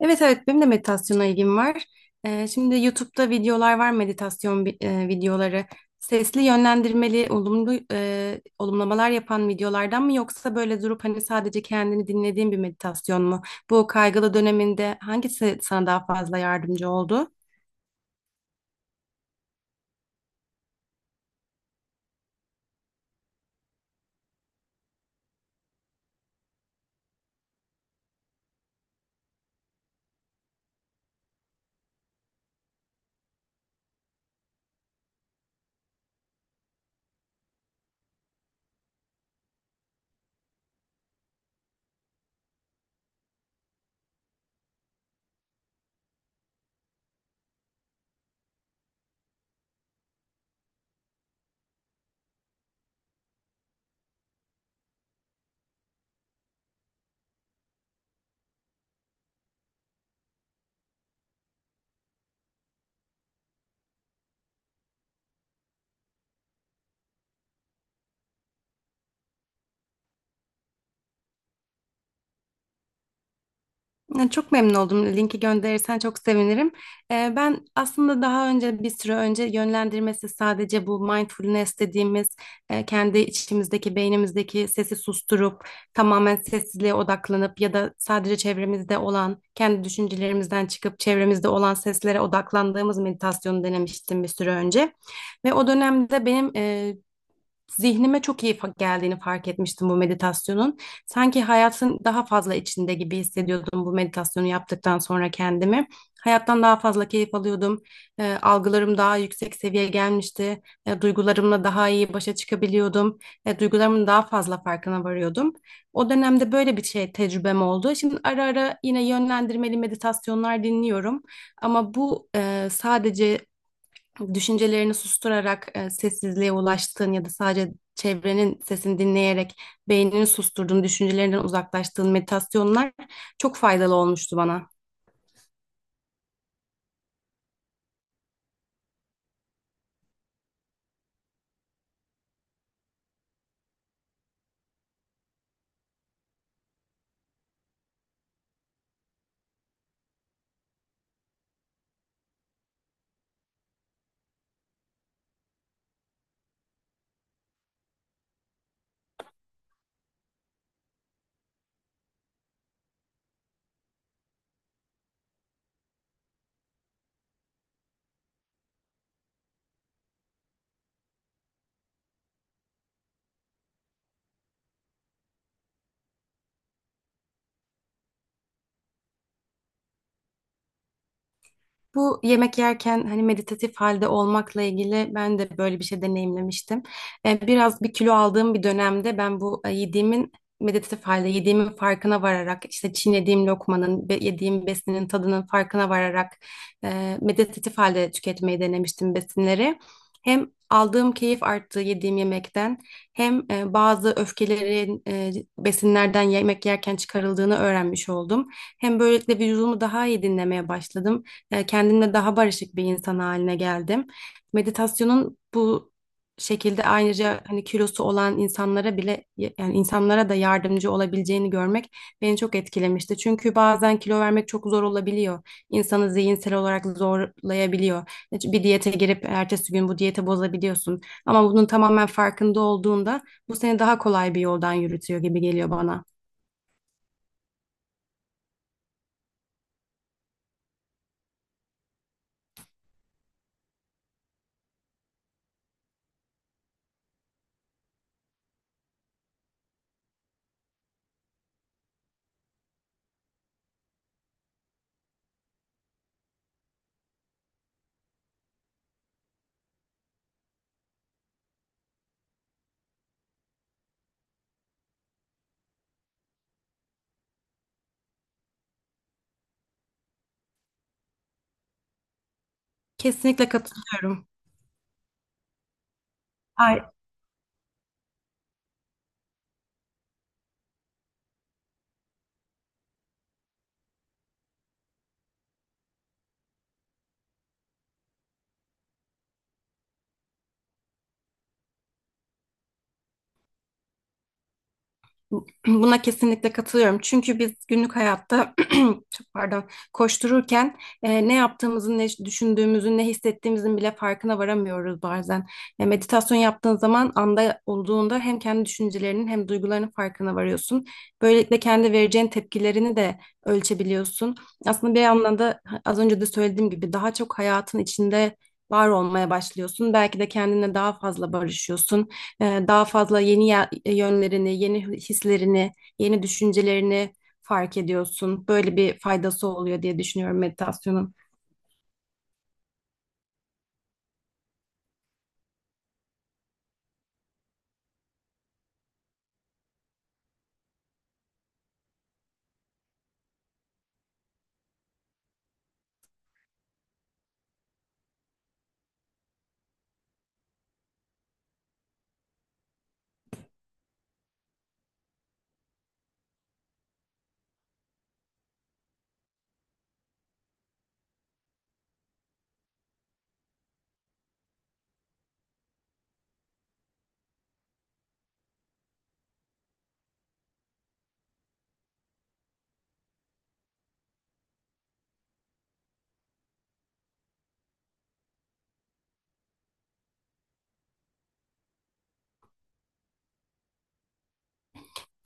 Evet evet benim de meditasyona ilgim var. Şimdi YouTube'da videolar var meditasyon videoları. Sesli yönlendirmeli olumlu olumlamalar yapan videolardan mı yoksa böyle durup hani sadece kendini dinlediğin bir meditasyon mu? Bu kaygılı döneminde hangisi sana daha fazla yardımcı oldu? Ya, çok memnun oldum. Linki gönderirsen çok sevinirim. Ben aslında daha önce bir süre önce yönlendirmesi sadece bu mindfulness dediğimiz kendi içimizdeki beynimizdeki sesi susturup tamamen sessizliğe odaklanıp ya da sadece çevremizde olan kendi düşüncelerimizden çıkıp çevremizde olan seslere odaklandığımız meditasyonu denemiştim bir süre önce. Ve o dönemde benim zihnime çok iyi geldiğini fark etmiştim bu meditasyonun. Sanki hayatın daha fazla içinde gibi hissediyordum bu meditasyonu yaptıktan sonra kendimi. Hayattan daha fazla keyif alıyordum. Algılarım daha yüksek seviyeye gelmişti. Duygularımla daha iyi başa çıkabiliyordum. Duygularımın daha fazla farkına varıyordum. O dönemde böyle bir şey tecrübem oldu. Şimdi ara ara yine yönlendirmeli meditasyonlar dinliyorum. Ama bu sadece düşüncelerini susturarak sessizliğe ulaştığın ya da sadece çevrenin sesini dinleyerek beynini susturduğun, düşüncelerinden uzaklaştığın meditasyonlar çok faydalı olmuştu bana. Bu yemek yerken hani meditatif halde olmakla ilgili ben de böyle bir şey deneyimlemiştim. Biraz bir kilo aldığım bir dönemde ben bu yediğimin meditatif halde yediğimin farkına vararak işte çiğnediğim lokmanın, yediğim besinin tadının farkına vararak meditatif halde tüketmeyi denemiştim besinleri. Hem aldığım keyif arttı yediğim yemekten hem bazı öfkelerin besinlerden yemek yerken çıkarıldığını öğrenmiş oldum. Hem böylelikle vücudumu daha iyi dinlemeye başladım, kendimle daha barışık bir insan haline geldim. Meditasyonun bu şekilde ayrıca hani kilosu olan insanlara bile yani insanlara da yardımcı olabileceğini görmek beni çok etkilemişti. Çünkü bazen kilo vermek çok zor olabiliyor. İnsanı zihinsel olarak zorlayabiliyor. Bir diyete girip ertesi gün bu diyete bozabiliyorsun. Ama bunun tamamen farkında olduğunda bu seni daha kolay bir yoldan yürütüyor gibi geliyor bana. Kesinlikle katılıyorum. Buna kesinlikle katılıyorum. Çünkü biz günlük hayatta çok pardon koştururken ne yaptığımızın, ne düşündüğümüzün, ne hissettiğimizin bile farkına varamıyoruz bazen. Meditasyon yaptığın zaman anda olduğunda hem kendi düşüncelerinin hem duygularının farkına varıyorsun. Böylelikle kendi vereceğin tepkilerini de ölçebiliyorsun. Aslında bir anlamda az önce de söylediğim gibi daha çok hayatın içinde var olmaya başlıyorsun. Belki de kendinle daha fazla barışıyorsun, daha fazla yeni yönlerini, yeni hislerini, yeni düşüncelerini fark ediyorsun. Böyle bir faydası oluyor diye düşünüyorum meditasyonun.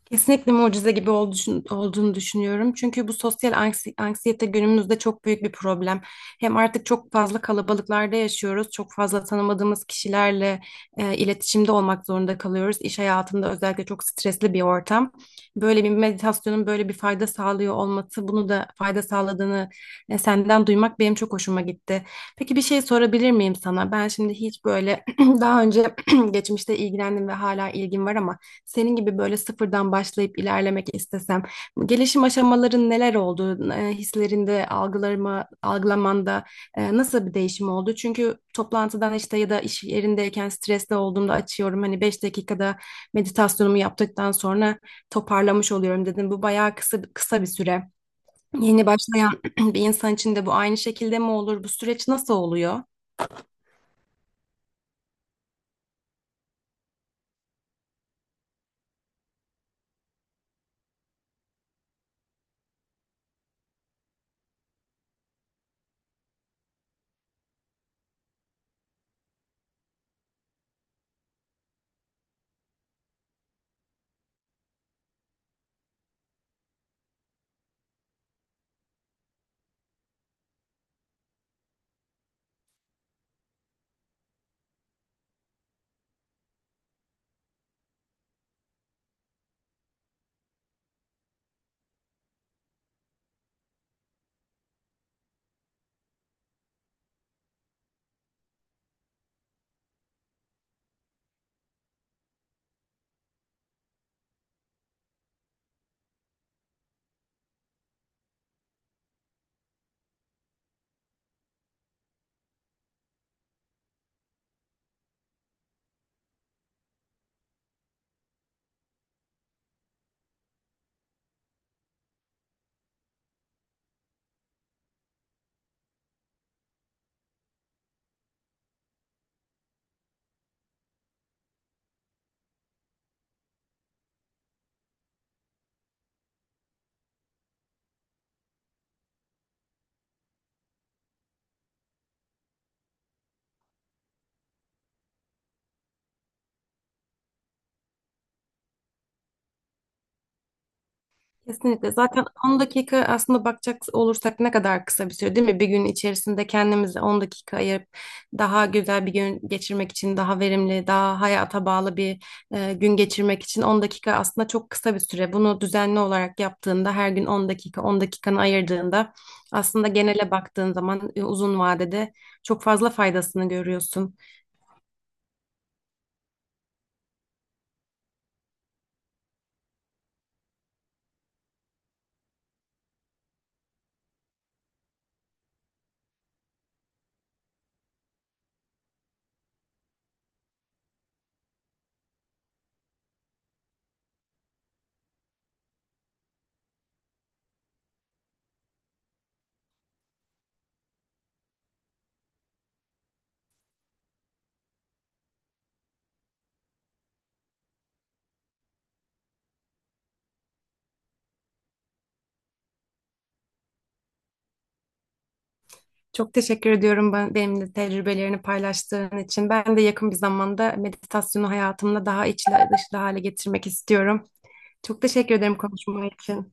Kesinlikle mucize gibi olduğunu düşünüyorum. Çünkü bu sosyal anksiyete günümüzde çok büyük bir problem. Hem artık çok fazla kalabalıklarda yaşıyoruz. Çok fazla tanımadığımız kişilerle iletişimde olmak zorunda kalıyoruz. İş hayatında özellikle çok stresli bir ortam. Böyle bir meditasyonun böyle bir fayda sağlıyor olması, bunu da fayda sağladığını senden duymak benim çok hoşuma gitti. Peki bir şey sorabilir miyim sana? Ben şimdi hiç böyle daha önce geçmişte ilgilendim ve hala ilgim var ama senin gibi böyle sıfırdan başlayıp ilerlemek istesem, gelişim aşamaların neler oldu? Hislerinde, algılarıma, algılamanda nasıl bir değişim oldu? Çünkü toplantıdan işte ya da iş yerindeyken stresli olduğumda açıyorum. Hani 5 dakikada meditasyonumu yaptıktan sonra toparlamış oluyorum dedim. Bu bayağı kısa, kısa bir süre. Yeni başlayan bir insan için de bu aynı şekilde mi olur? Bu süreç nasıl oluyor? Kesinlikle. Zaten 10 dakika aslında bakacak olursak ne kadar kısa bir süre değil mi? Bir gün içerisinde kendimize 10 dakika ayırıp daha güzel bir gün geçirmek için, daha verimli, daha hayata bağlı bir, gün geçirmek için 10 dakika aslında çok kısa bir süre. Bunu düzenli olarak yaptığında, her gün 10 dakika, 10 dakikanı ayırdığında aslında genele baktığın zaman, uzun vadede çok fazla faydasını görüyorsun. Çok teşekkür ediyorum benimle tecrübelerini paylaştığın için. Ben de yakın bir zamanda meditasyonu hayatımda daha içli dışlı hale getirmek istiyorum. Çok teşekkür ederim konuşma için.